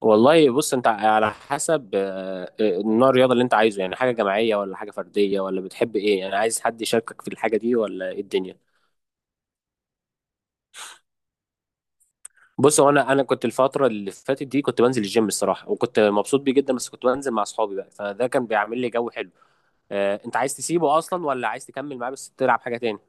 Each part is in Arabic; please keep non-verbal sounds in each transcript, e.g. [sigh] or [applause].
والله بص انت على حسب نوع الرياضه اللي انت عايزه، يعني حاجه جماعيه ولا حاجه فرديه، ولا بتحب ايه؟ يعني عايز حد يشاركك في الحاجه دي ولا ايه الدنيا؟ بص، هو انا كنت الفتره اللي فاتت دي كنت بنزل الجيم الصراحه، وكنت مبسوط بيه جدا، بس كنت بنزل مع اصحابي بقى، فده كان بيعمل لي جو حلو. انت عايز تسيبه اصلا ولا عايز تكمل معاه بس تلعب حاجه تاني؟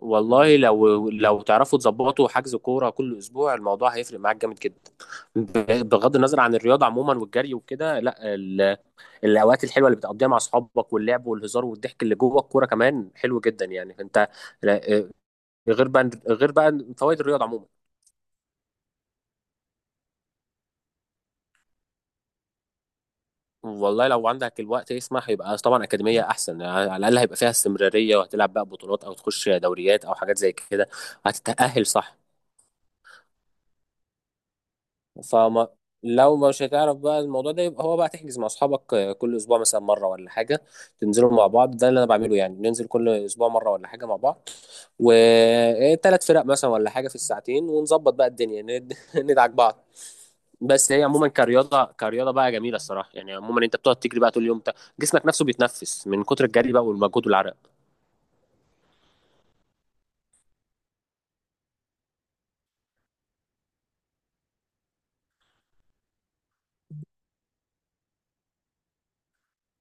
والله لو تعرفوا تظبطوا حجز كوره كل اسبوع الموضوع هيفرق معاك جامد جدا. بغض النظر عن الرياضه عموما، والجري وكده، لا الاوقات الحلوه اللي بتقضيها مع اصحابك، واللعب والهزار والضحك اللي جوه الكوره، كمان حلو جدا يعني انت. لا- آه، غير بقى، غير بقى فوائد الرياضه عموما. والله لو عندك الوقت يسمح يبقى طبعا اكاديميه احسن، يعني على الاقل هيبقى فيها استمراريه وهتلعب بقى بطولات او تخش دوريات او حاجات زي كده. هتتاهل، صح؟ فما. لو مش هتعرف بقى الموضوع ده، يبقى هو بقى تحجز مع اصحابك كل اسبوع مثلا مره ولا حاجه. تنزلوا مع بعض. ده اللي انا بعمله، يعني ننزل كل اسبوع مره ولا حاجه مع بعض. وثلاث فرق مثلا ولا حاجه في الساعتين، ونظبط بقى الدنيا [laughs] ندعك بعض. بس هي عموما كرياضه، كرياضه بقى جميله الصراحه، يعني عموما انت بتقعد تجري بقى طول اليوم انت. جسمك نفسه بيتنفس من كتر الجري بقى والمجهود والعرق.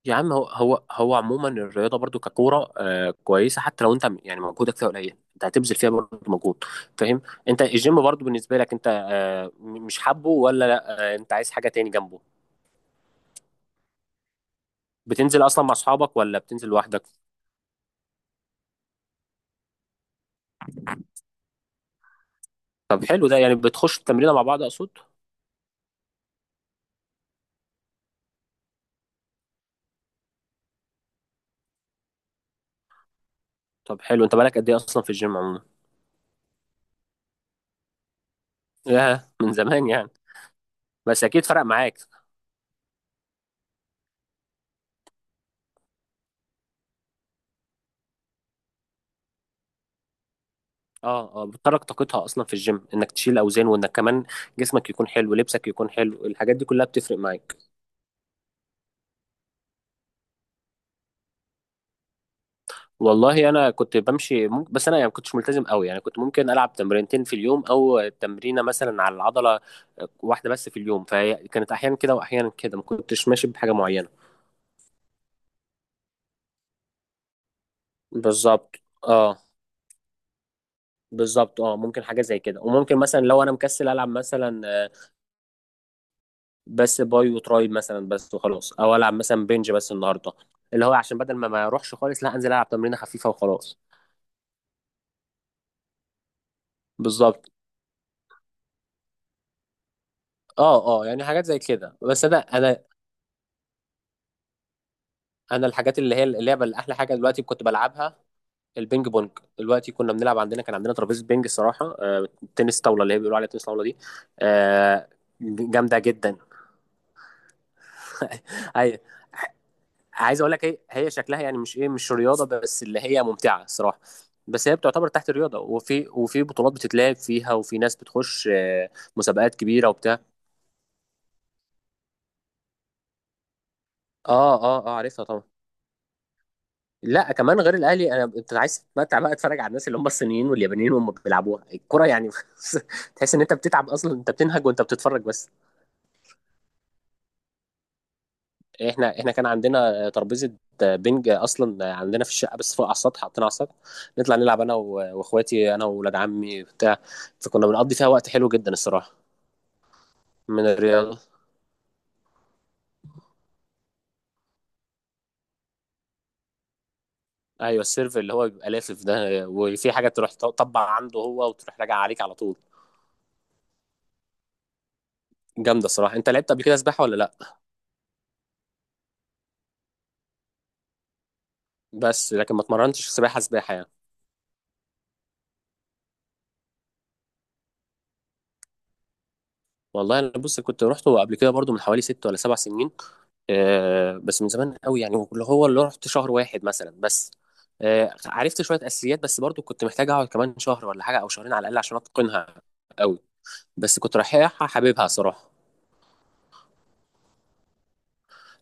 يا عم، هو عموما الرياضه برضو ككوره كويسه، حتى لو انت يعني مجهودك فيها قليل، انت هتبذل فيها برضو مجهود. فاهم؟ انت الجيم برضو بالنسبه لك انت مش حابه ولا لا، انت عايز حاجه تاني جنبه؟ بتنزل اصلا مع اصحابك ولا بتنزل لوحدك؟ طب حلو، ده يعني بتخش التمرين مع بعض، اقصد؟ طب حلو، انت بقالك قد ايه اصلا في الجيم عموما؟ ياه، من زمان يعني. بس اكيد فرق معاك. اه اه، بتترك طاقتها اصلا في الجيم انك تشيل اوزان، وانك كمان جسمك يكون حلو، لبسك يكون حلو، الحاجات دي كلها بتفرق معاك. والله انا كنت بمشي ممكن، بس انا يعني ما كنتش ملتزم قوي، يعني كنت ممكن العب تمرينتين في اليوم، او تمرينه مثلا على العضله واحده بس في اليوم، فهي كانت احيانا كده واحيانا كده، ما كنتش ماشي بحاجه معينه. بالظبط. اه. بالظبط، اه، ممكن حاجه زي كده، وممكن مثلا لو انا مكسل العب مثلا بس باي وتراي مثلا، بس وخلاص، او العب مثلا بنج بس النهارده. اللي هو عشان بدل ما اروحش خالص، لا، انزل العب تمرينه خفيفه وخلاص. بالظبط. اه اه، يعني حاجات زي كده، بس انا انا الحاجات اللي هي اللعبه اللي احلى حاجه دلوقتي كنت بلعبها، البينج بونج. دلوقتي كنا بنلعب عندنا، كان عندنا ترابيزه بينج الصراحه، تنس طاوله اللي هي بيقولوا عليها تنس طاوله دي. آه، جامده جدا. [laughs] اي، عايز اقول لك هي شكلها يعني مش ايه، مش رياضه، بس اللي هي ممتعه الصراحه. بس هي بتعتبر تحت الرياضه، وفي بطولات بتتلعب فيها، وفي ناس بتخش مسابقات كبيره وبتاع. اه اه اه، عارفها طبعا. لا كمان غير الاهلي، انت عايز تتمتع بقى، اتفرج على الناس اللي هم الصينيين واليابانيين وهم بيلعبوها الكرة يعني. [laughs] تحس ان انت بتتعب اصلا، انت بتنهج وانت بتتفرج بس. احنا كان عندنا ترابيزه بنج اصلا عندنا في الشقه، بس فوق على السطح حاطينها على السطح. نطلع نلعب انا و- واخواتي، انا واولاد عمي بتاع. فكنا بنقضي فيها وقت حلو جدا الصراحه. من الرياضه. ايوه، السيرف اللي هو بيبقى لافف ده، وفي حاجه تروح تطبع عنده هو، وتروح راجع عليك على طول. جامده الصراحه. انت لعبت قبل كده سباحه ولا لا؟ بس لكن ما اتمرنتش سباحه سباحه يعني. والله انا بص، كنت رحته قبل كده برضو من حوالي 6 ولا 7 سنين. بس من زمان قوي يعني، اللي هو اللي رحت شهر واحد مثلا بس. عرفت شويه اساسيات، بس برضو كنت محتاج اقعد كمان شهر ولا حاجه او شهرين على الاقل عشان اتقنها قوي. بس كنت رايحها حاببها صراحه.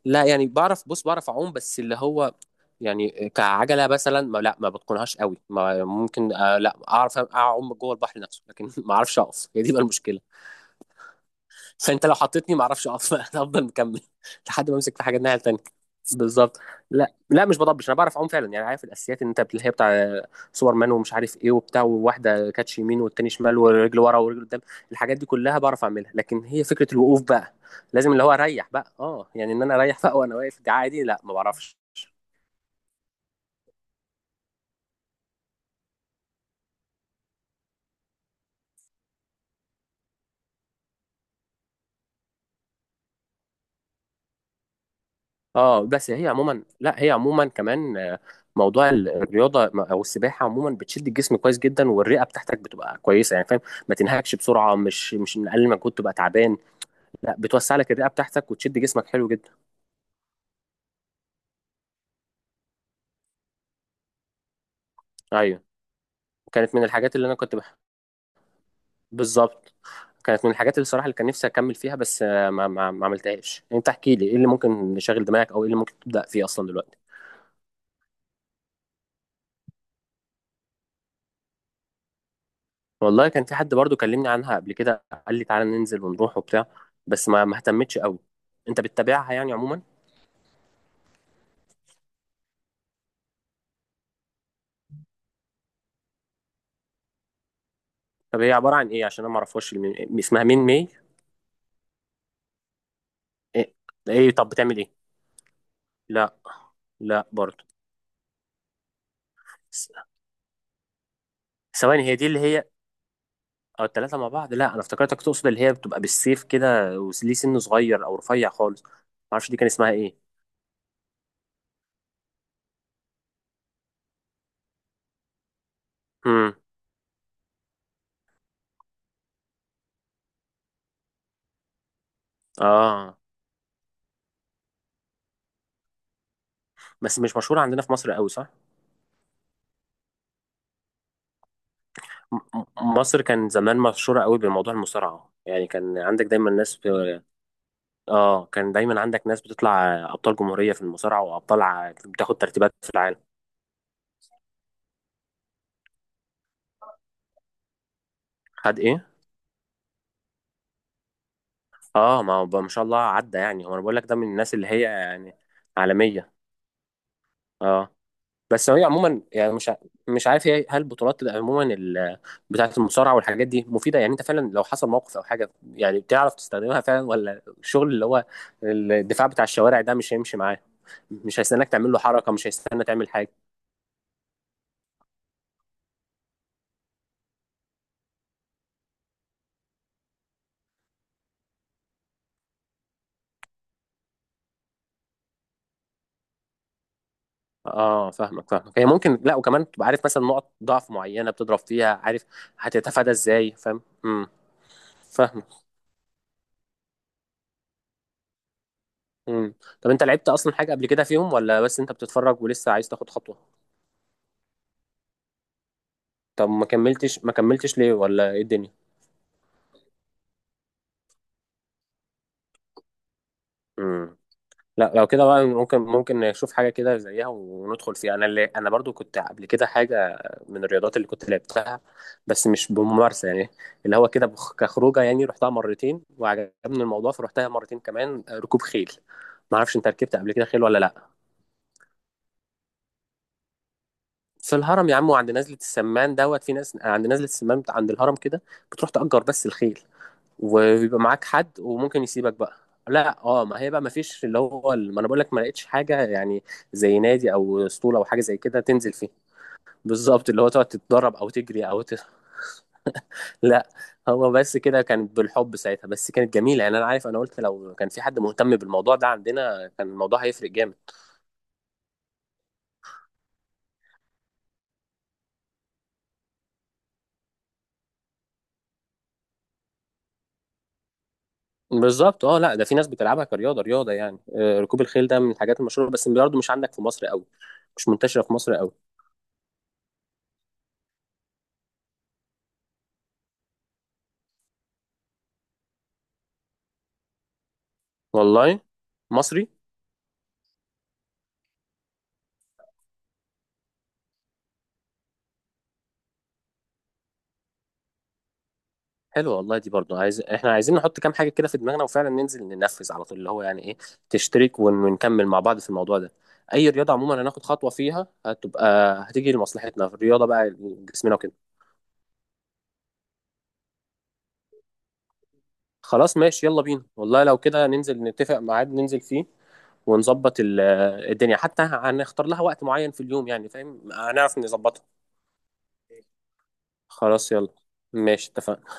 لا يعني بعرف، بص، بعرف اعوم، بس اللي هو يعني كعجله مثلا ما بتقنهاش قوي، ما ممكن لا اعرف اعوم جوه البحر نفسه، لكن [laughs] ما اعرفش اقف، هي دي بقى المشكله. فانت لو حطيتني ما اعرفش اقف. [laughs] انا افضل مكمل لحد ما امسك في حاجه الناحيه التانيه. بالظبط. لا، لا، مش بضبش، انا بعرف اعوم فعلا، يعني عارف الاساسيات ان انت اللي هي بتاع سوبر مان ومش عارف ايه وبتاع، وواحده كاتش يمين والتاني شمال، ورجل ورا ورجل قدام. الحاجات دي كلها بعرف اعملها، لكن هي فكره الوقوف بقى. لازم اللي هو اريح بقى، اه يعني ان انا اريح بقى وانا واقف دي عادي، لا ما بعرفش. اه، بس هي عموما، لا هي عموما كمان، موضوع الرياضه او السباحه عموما بتشد الجسم كويس جدا، والرئه بتاعتك بتبقى كويسه، يعني فاهم؟ ما تنهكش بسرعه، مش من اقل ما كنت تبقى تعبان. لا، بتوسع لك الرئه بتاعتك وتشد جسمك حلو جدا. ايوه، كانت من الحاجات اللي انا كنت بالظبط. كانت من الحاجات اللي صراحه اللي كان نفسي اكمل فيها، بس ما عملتهاش. انت احكي لي ايه اللي ممكن يشغل دماغك، او ايه اللي ممكن تبدا فيه اصلا دلوقتي؟ والله كان في حد برضو كلمني عنها قبل كده، قال لي تعالى ننزل ونروح وبتاع، بس ما اهتمتش قوي. انت بتتابعها يعني عموما؟ طب هي عبارة عن ايه؟ عشان انا ما اعرفهاش. اسمها مين، مي...؟ ايه؟ إيه؟ طب بتعمل ايه؟ لا، لا برضو. س- ثواني، هي دي اللي هي او الثلاثة مع بعض؟ لا انا افتكرتك تقصد اللي هي بتبقى بالسيف كده، وليه سن صغير او رفيع خالص، ما اعرفش دي كان اسمها ايه. امم. اه، بس مش مشهورة عندنا في مصر قوي، صح؟ م- م- مصر كان زمان مشهورة قوي بموضوع المصارعة، يعني كان عندك دايما ناس. اه، كان دايما عندك ناس بتطلع ابطال جمهوريه في المصارعه، وابطال بتاخد ترتيبات في العالم. خد ايه؟ اه، ما هو بقى ما شاء الله عدى يعني، هو انا بقول لك ده من الناس اللي هي يعني عالميه. اه، بس هي عموما يعني مش مش عارف هي، هل البطولات اللي عموما بتاعه المصارعه والحاجات دي مفيده؟ يعني انت فعلا لو حصل موقف او حاجه، يعني بتعرف تستخدمها فعلا، ولا الشغل اللي هو الدفاع بتاع الشوارع ده مش هيمشي معاه؟ مش هيستناك تعمل له حركه، مش هيستنى تعمل حاجه. اه، فاهمك، فاهمك، هي ممكن، لا، وكمان تبقى عارف مثلا نقط ضعف معينه بتضرب فيها، عارف هتتفادى ازاي، فاهم؟ فاهمك. امم طب انت لعبت اصلا حاجه قبل كده فيهم، ولا بس انت بتتفرج ولسه عايز تاخد خطوه؟ طب ما كملتش ليه، ولا ايه الدنيا؟ امم. لا لو كده بقى، ممكن نشوف حاجة كده زيها وندخل فيها، أنا برضو كنت قبل كده حاجة من الرياضات اللي كنت لعبتها، بس مش بممارسة يعني. اللي هو كده كخروجة يعني، رحتها مرتين وعجبني الموضوع، فروحتها مرتين كمان. ركوب خيل. معرفش، أنت ركبت قبل كده خيل ولا لأ؟ في الهرم يا عم، وعند نزلة السمان دوت. في ناس عند نزلة السمان عند الهرم كده، بتروح تأجر بس الخيل، ويبقى معاك حد وممكن يسيبك بقى. لا اه، ما هي بقى ما فيش اللي هو ما انا بقول لك ما لقيتش حاجه يعني، زي نادي او اسطوله او حاجه زي كده تنزل فيه. بالظبط، اللي هو تقعد تتدرب او تجري او لا هو بس كده كان بالحب ساعتها، بس كانت جميله يعني، انا عارف، انا قلت لو كان في حد مهتم بالموضوع ده عندنا كان الموضوع هيفرق جامد. بالظبط، اه، لا ده في ناس بتلعبها كرياضه رياضه يعني، ركوب الخيل ده من الحاجات المشهوره، بس برضه مش عندك في مصر قوي. مش منتشره في مصر قوي. والله؟ مصري؟ حلو والله، دي برضو احنا عايزين نحط كام حاجة كده في دماغنا وفعلا ننزل ننفذ على طول، اللي هو يعني ايه، تشترك ونكمل مع بعض في الموضوع ده. اي رياضة عموما هناخد خطوة فيها هتبقى، هتيجي لمصلحتنا في الرياضة بقى جسمنا وكده. خلاص ماشي يلا بينا، والله لو كده ننزل نتفق ميعاد ننزل فيه، ونظبط الدنيا، حتى هنختار لها وقت معين في اليوم يعني، فاهم؟ هنعرف نظبطها. خلاص يلا. ماشي، اتفقنا.